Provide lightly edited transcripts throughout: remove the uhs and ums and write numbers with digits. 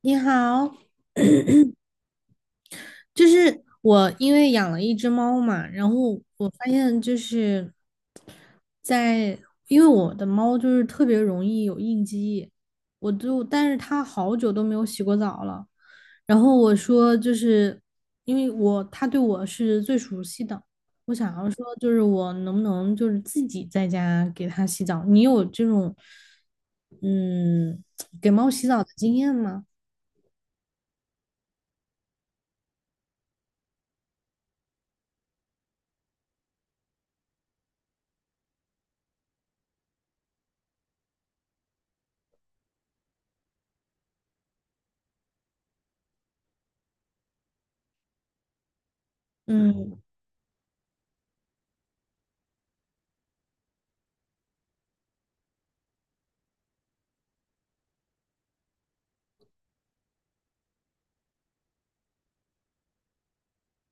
你好，就是我因为养了一只猫嘛，然后我发现就是在，因为我的猫就是特别容易有应激，但是它好久都没有洗过澡了，然后我说因为我，它对我是最熟悉的，我想要说就是我能不能就是自己在家给它洗澡？你有这种嗯给猫洗澡的经验吗？嗯，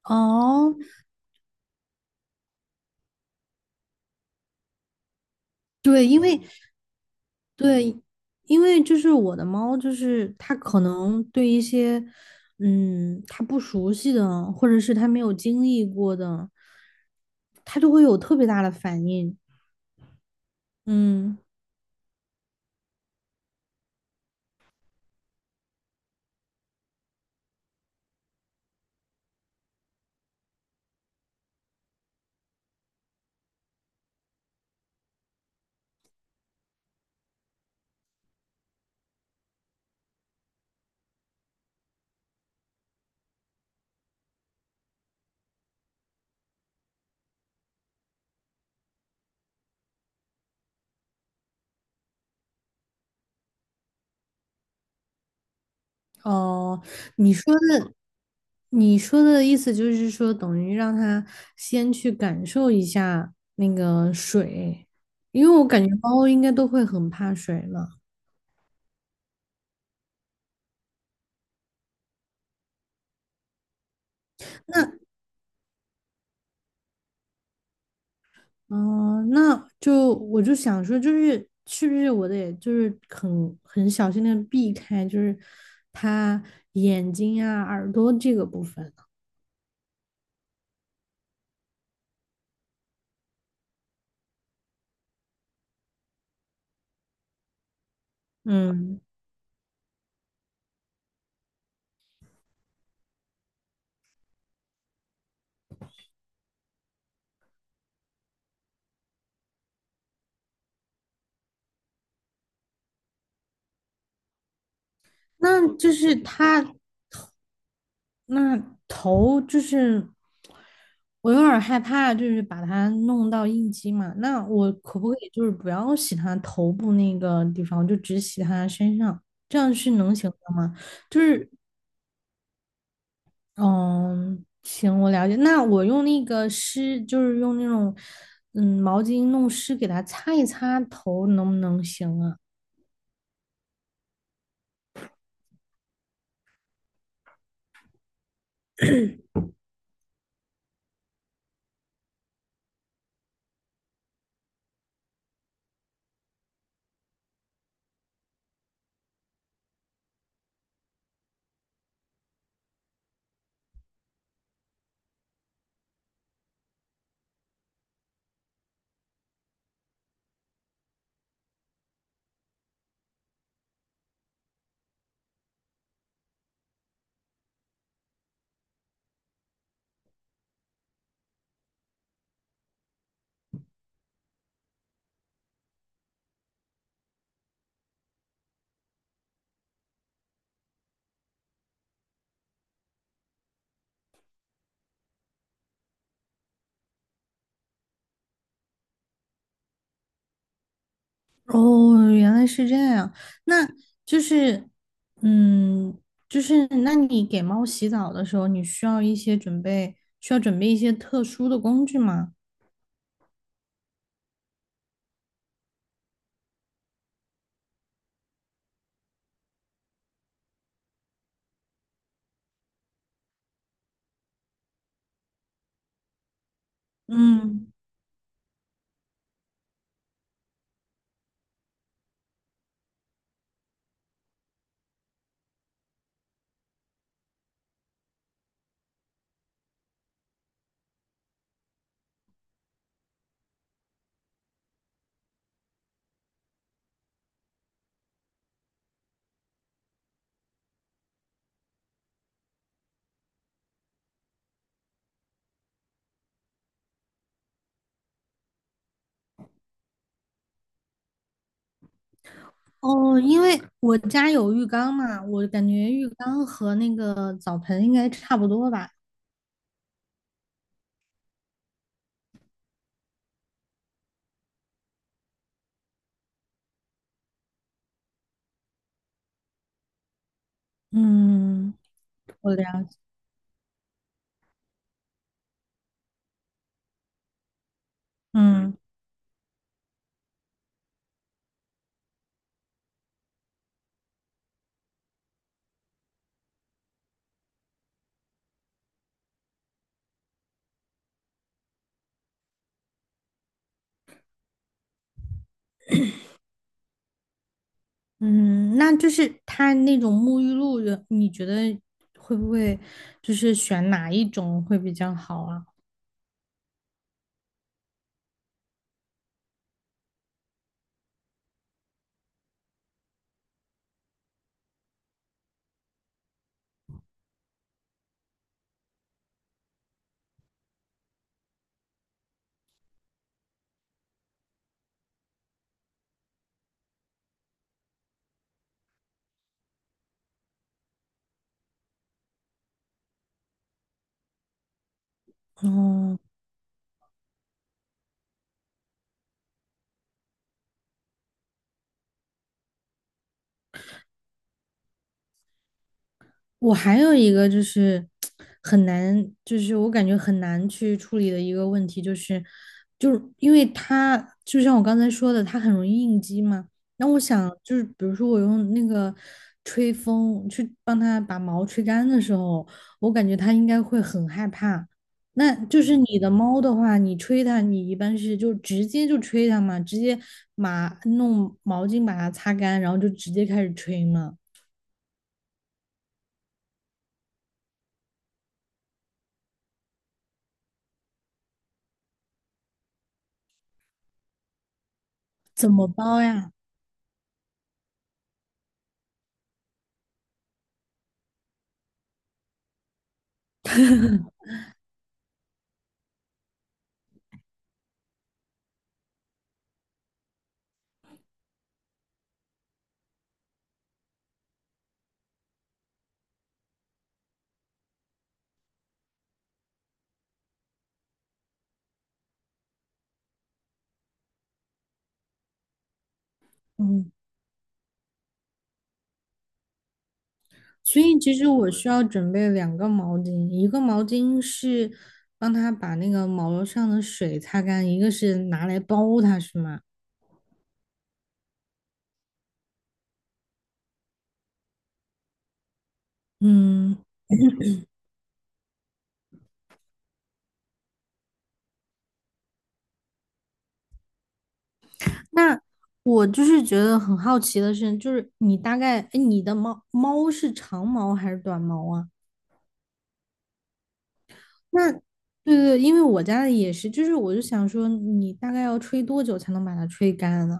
哦。对，因为对，因为就是我的猫，就是它可能对一些，嗯，它不熟悉的，或者是它没有经历过的，它就会有特别大的反应。嗯，哦，你说的，你说的意思就是说，等于让它先去感受一下那个水，因为我感觉猫应该都会很怕水嘛。嗯，那就想说，就是是不是我得就是很小心的避开，就是他眼睛啊、耳朵这个部分。嗯，那就是他那头，就是我有点儿害怕，就是把它弄到应激嘛。那我可不可以就是不要洗他头部那个地方，就只洗他身上，这样是能行的吗？就是嗯，行，我了解。那我用那个湿，就是用那种毛巾弄湿，给它擦一擦头，能不能行啊？哦，原来是这样。那就是嗯，就是那你给猫洗澡的时候，你需要一些准备，需要准备一些特殊的工具吗？嗯。哦，因为我家有浴缸嘛，我感觉浴缸和那个澡盆应该差不多吧。嗯，我了解。嗯。嗯，那就是它那种沐浴露的，你觉得会不会就是选哪一种会比较好啊？哦，我还有一个很难，就是我感觉很难去处理的一个问题，就是因为它就像我刚才说的，它很容易应激嘛。那我想就是，比如说我用那个吹风去帮它把毛吹干的时候，我感觉它应该会很害怕。那就是你的猫的话，你吹它，你一般是就直接就吹它嘛，直接把弄毛巾把它擦干，然后就直接开始吹嘛，怎么包呀？嗯。所以其实我需要准备两个毛巾，一个毛巾是帮他把那个毛上的水擦干，一个是拿来包它，是吗？嗯，那我就是觉得很好奇的是，就是你大概，哎，你的猫猫是长毛还是短毛啊？那对对，因为我家的也是，就是我就想说，你大概要吹多久才能把它吹干呢？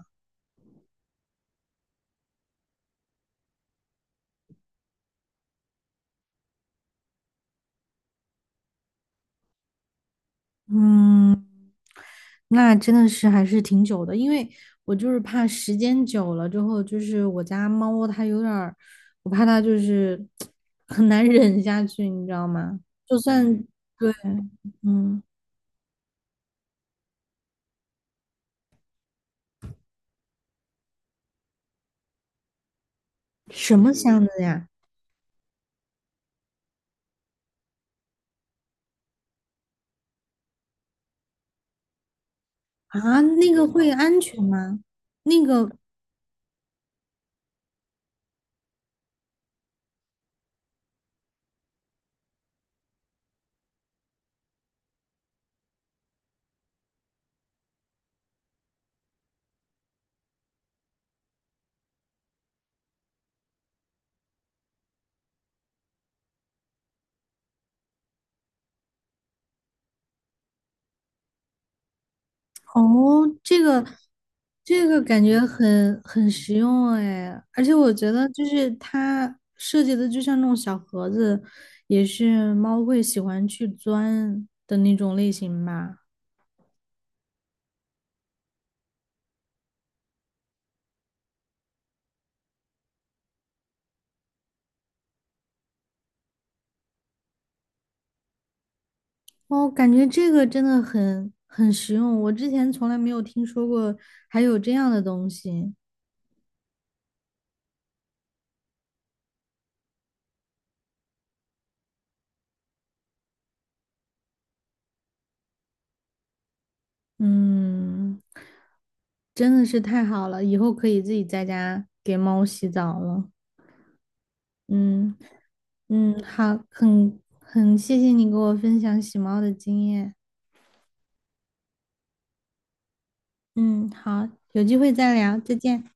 那真的是还是挺久的，因为我就是怕时间久了之后，就是我家猫它有点儿，我怕它就是 很难忍下去，你知道吗？就算对，嗯，什么箱子呀？啊，那个会安全吗？那个哦，这个感觉很实用哎，而且我觉得就是它设计的就像那种小盒子，也是猫会喜欢去钻的那种类型吧。哦，感觉这个真的很实用，我之前从来没有听说过还有这样的东西。嗯，真的是太好了，以后可以自己在家给猫洗澡了。嗯。嗯，好，很谢谢你给我分享洗猫的经验。嗯，好，有机会再聊，再见。